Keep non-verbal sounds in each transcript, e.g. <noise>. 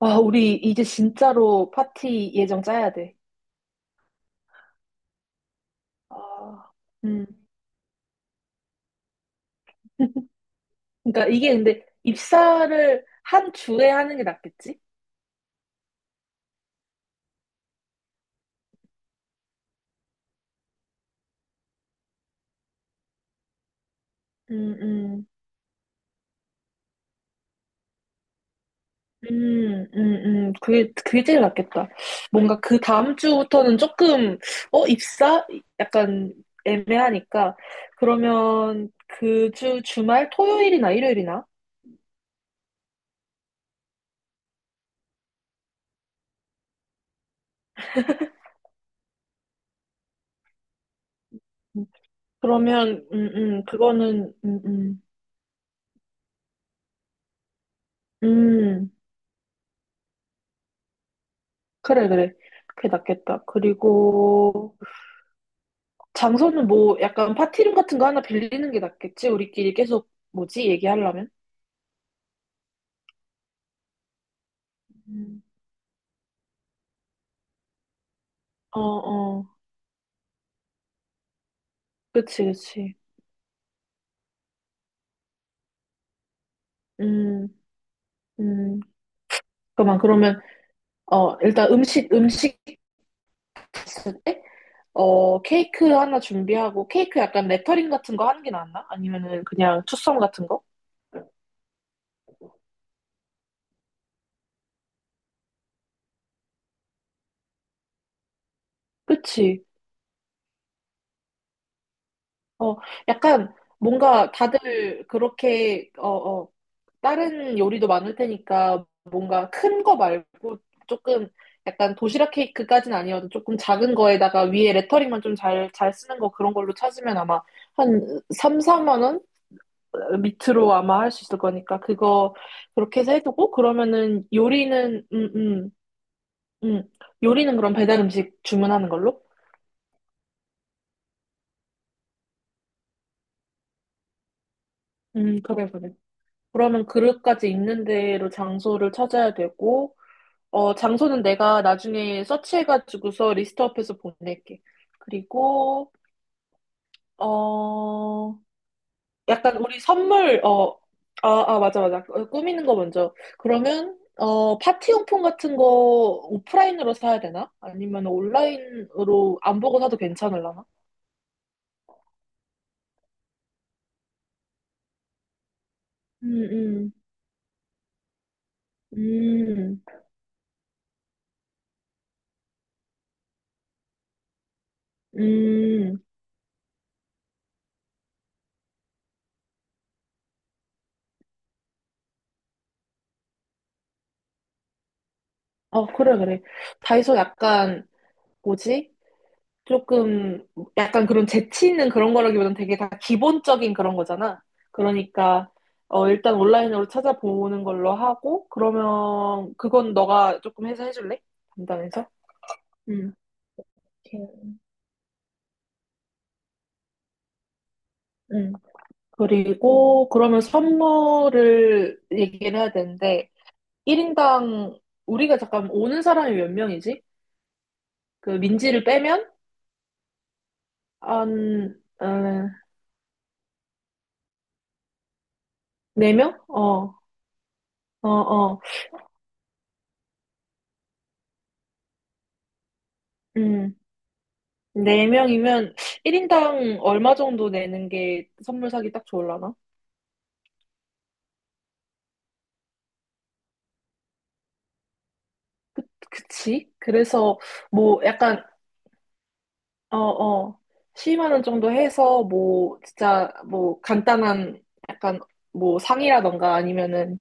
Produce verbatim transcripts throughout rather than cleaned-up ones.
아, 우리 이제 진짜로 파티 예정 짜야 돼. 아, 음. <laughs> 그러니까 이게 근데 입사를 한 주에 하는 게 낫겠지? 음, 음. 음, 음, 음. 그게, 그게 제일 낫겠다. 뭔가 그 다음 주부터는 조금, 어, 입사? 약간 애매하니까. 그러면 그 주 주말 토요일이나 일요일이나? 음, 그러면, 음, 음, 그거는, 음, 음. 음. 그래, 그래. 그게 낫겠다. 그리고 장소는 뭐 약간 파티룸 같은 거 하나 빌리는 게 낫겠지? 우리끼리 계속 뭐지? 얘기하려면? 음. 어, 어. 그치, 그치. 음, 음. 그만, 그러면, 어, 일단 음식, 음식 했을 때, 어, 케이크 하나 준비하고, 케이크 약간 레터링 같은 거 하는 게 낫나? 아니면은 그냥 투썸 같은 거? 그치. 어, 약간 뭔가 다들 그렇게, 어, 어, 다른 요리도 많을 테니까 뭔가 큰 거 말고 조금 약간 도시락 케이크까지는 아니어도 조금 작은 거에다가 위에 레터링만 좀 잘, 잘 쓰는 거 그런 걸로 찾으면 아마 한 삼, 사만 원 밑으로 아마 할 수 있을 거니까 그거 그렇게 해서 해두고 그러면은 요리는 음, 음, 음. 요리는 그럼 배달 음식 주문하는 걸로? 음, 그래, 그래. 그러면 그릇까지 있는 대로 장소를 찾아야 되고 어, 장소는 내가 나중에 서치해가지고서 리스트업해서 보낼게. 그리고, 어, 약간 우리 선물, 어, 아, 아, 맞아, 맞아. 어, 꾸미는 거 먼저. 그러면, 어, 파티용품 같은 거 오프라인으로 사야 되나? 아니면 온라인으로 안 보고 사도 괜찮을라나? 음, 음, 음, 음. 어, 그래, 그래. 다이소 약간, 뭐지? 조금 약간 그런 재치 있는 그런 거라기보다는 되게 다 기본적인 그런 거잖아. 그러니까 어 일단 온라인으로 찾아보는 걸로 하고 그러면 그건 너가 조금 해서 해줄래? 담당해서? 응, 그, 응. 음, 그리고 그러면 선물을 얘기를 해야 되는데 일 인당 우리가 잠깐 오는 사람이 몇 명이지? 그 민지를 빼면 한 어, 네 명? 어, 어, 어. 음. 네 명이면 일 인당 얼마 정도 내는 게 선물 사기 딱 좋을라나? 그치? 그래서 뭐 약간 어, 어. 십만 원 정도 해서 뭐 진짜 뭐 간단한 약간 뭐 상이라던가 아니면은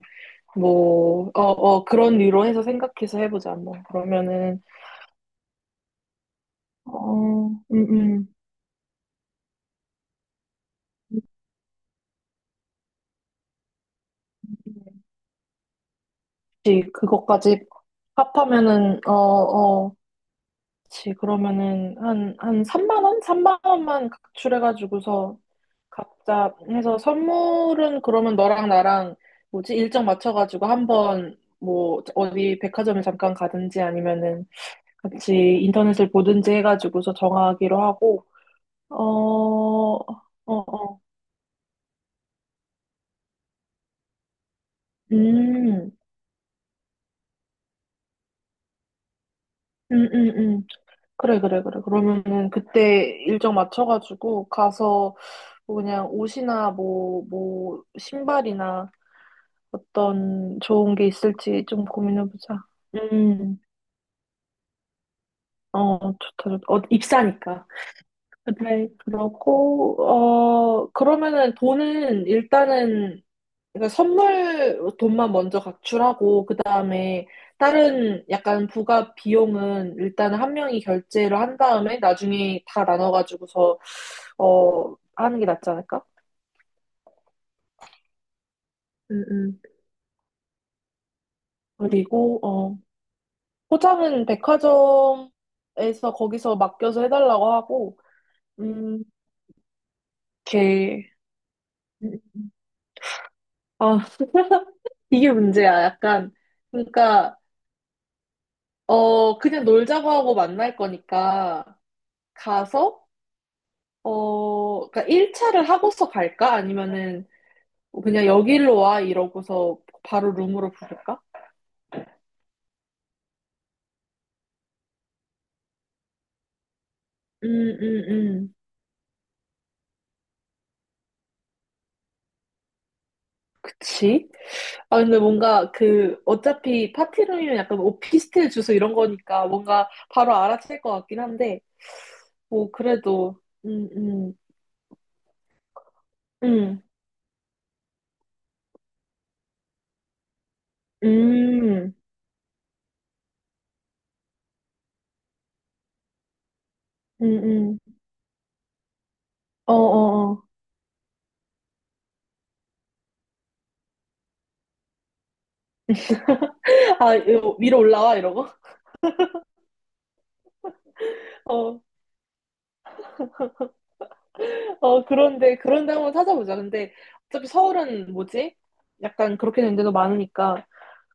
뭐 어, 어 그런 류로 해서 생각해서 해보자. 뭐 그러면은 어, 음, 음. 그치. 그것까지 합하면은 어, 어. 그치, 그러면은 한, 한 삼만 원? 삼만 원만 각출해가지고서 각자 해서 선물은 그러면 너랑 나랑 뭐지? 일정 맞춰가지고 한번 뭐 어디 백화점을 잠깐 가든지 아니면은 같이 인터넷을 보든지 해가지고서 정하기로 하고, 어, 어, 어, 음. 음, 음, 음. 그래, 그래, 그래. 그러면은 그때 일정 맞춰가지고 가서 뭐 그냥 옷이나 뭐, 뭐, 신발이나 어떤 좋은 게 있을지 좀 고민해보자. 음, 어, 좋다, 좋다. 어, 입사니까. 그래, 그러고, 어, 그러면은 돈은 일단은, 그러니까 선물 돈만 먼저 각출하고, 그 다음에 다른 약간 부가 비용은 일단 한 명이 결제를 한 다음에 나중에 다 나눠가지고서, 어, 하는 게 낫지 않을까? 음, 음. 그리고, 어, 포장은 백화점에서 거기서 맡겨서 해달라고 하고, 음, 오케이. 아, <laughs> 이게 문제야. 약간, 그러니까, 어, 그냥 놀자고 하고 만날 거니까, 가서, 어, 그러니까 일 차를 하고서 갈까? 아니면은, 그냥 여기로 와, 이러고서 바로 룸으로 부를까? 음, 음, 음. 그치? 아, 근데 뭔가 그, 어차피 파티룸이면 약간 뭐 오피스텔 주소 이런 거니까 뭔가 바로 알아챌 것 같긴 한데, 뭐, 그래도, 음, 음, 음, 음. 응응. 어어어. 아, 이거 위로 올라와 이러고. <laughs> 어, 어 그런데 그런데 한번 찾아보자. 근데 어차피 서울은 뭐지? 약간 그렇게 된 데도 많으니까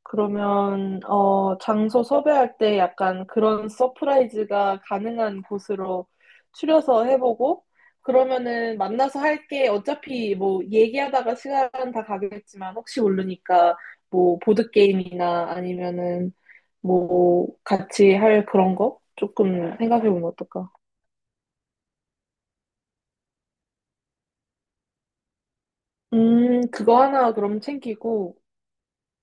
그러면 어 장소 섭외할 때 약간 그런 서프라이즈가 가능한 곳으로 추려서 해보고 그러면은 만나서 할 게 어차피 뭐 얘기하다가 시간 다 가겠지만 혹시 모르니까 뭐 보드 게임이나 아니면은 뭐 같이 할 그런 거 조금 생각해보면 어떨까? 음, 그거 하나 그럼 챙기고,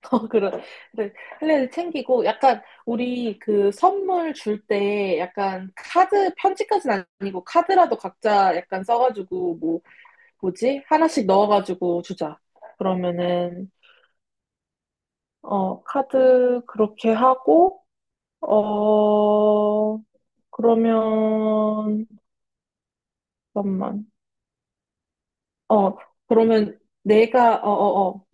<laughs> 어, 그래. 그래. 할래를 챙기고, 약간, 우리 그 선물 줄 때, 약간, 카드, 편지까지는 아니고, 카드라도 각자 약간 써가지고, 뭐, 뭐지? 하나씩 넣어가지고 주자. 그러면은, 어, 카드 그렇게 하고, 어, 그러면, 잠깐만. 어, 그러면 내가, 어어어,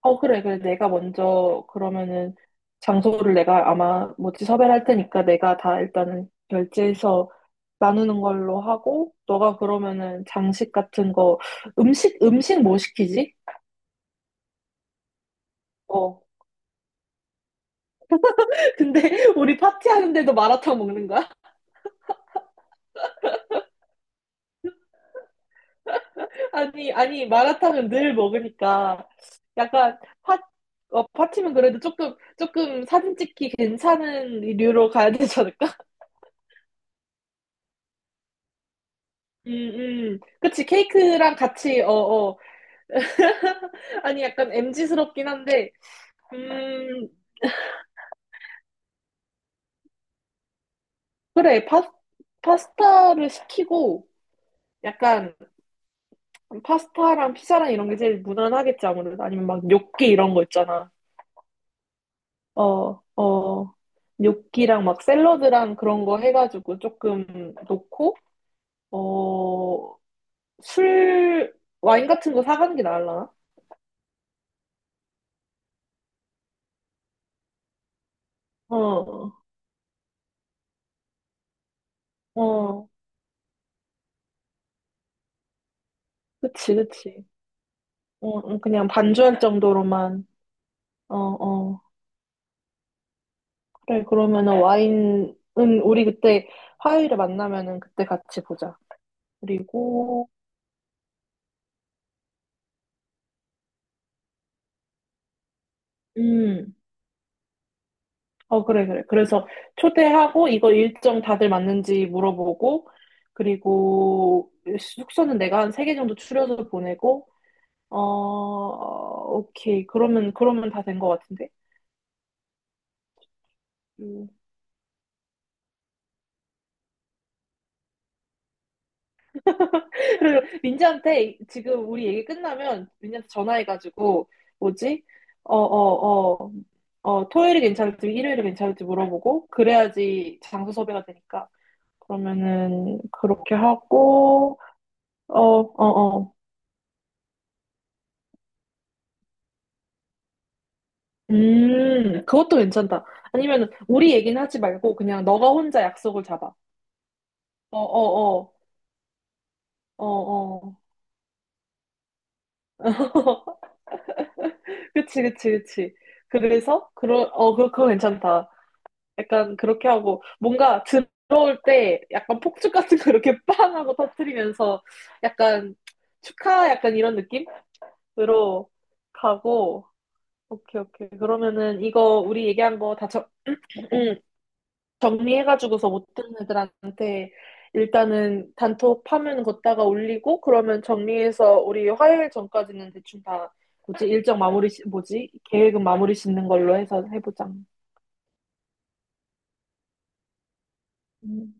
어, 그래, 그래. 내가 먼저, 그러면은, 장소를 내가 아마 뭐지 섭외할 테니까 내가 다 일단은 결제해서 나누는 걸로 하고, 너가 그러면은 장식 같은 거, 음식, 음식 뭐 시키지? 어. <laughs> 근데 우리 파티하는데도 마라탕 먹는 거야? <laughs> 아니, 아니, 마라탕은 늘 먹으니까 약간 파, 어, 파티면 그래도 조금, 조금 사진 찍기 괜찮은 류로 가야 되지 않을까? <laughs> 음, 음. 그치, 케이크랑 같이, 어, 어. 아니, 약간 m 지스럽긴 한데, 음, 그래, 파, 파스타를 시키고, 약간, 파스타랑 피자랑 이런 게 제일 무난하겠지, 아무래도. 아니면 막 뇨끼 이런 거 있잖아. 어, 어, 뇨끼랑 막 샐러드랑 그런 거 해가지고 조금 놓고, 어, 술, 와인 같은 거 사가는 게 나을라나? 어, 어, 그치, 그치. 어, 음, 그냥 반주할 정도로만, 어, 어. 그래, 그러면은 와인은 우리 그때 화요일에 만나면은 그때 같이 보자. 그리고, 음, 어, 그래, 그래. 그래서 초대하고 이거 일정 다들 맞는지 물어보고, 그리고 숙소는 내가 한 세 개 정도 추려서 보내고, 어, 오케이. 그러면, 그러면 다 된 것 같은데? 음. 그리고 민지한테 지금 우리 얘기 끝나면 민지한테 전화해가지고 뭐지? 어, 어, 어, 어, 토요일이 괜찮을지 일요일이 괜찮을지 물어보고 그래야지 장소 섭외가 되니까 그러면은 그렇게 하고 어, 어, 어. 음, 그것도 괜찮다. 아니면 우리 얘기는 하지 말고 그냥 너가 혼자 약속을 잡아. 어, 어, 어, 어, 어. <laughs> 그치, 그치, 그치. 그래서 그러, 어, 그 그거 괜찮다. 약간 그렇게 하고 뭔가 들어올 때 약간 폭죽 같은 거 이렇게 <laughs> 빵 하고 터뜨리면서 약간 축하 약간 이런 느낌으로 가고 오케이 오케이 그러면은 이거 우리 얘기한 거 다 정, <clears throat> 정리해가지고서 못 듣는 애들한테 일단은 단톡 파면 걷다가 올리고 그러면 정리해서 우리 화요일 전까지는 대충 다 뭐지 일정 마무리 시- 뭐지 계획은 마무리 짓는 걸로 해서 해보자. 음.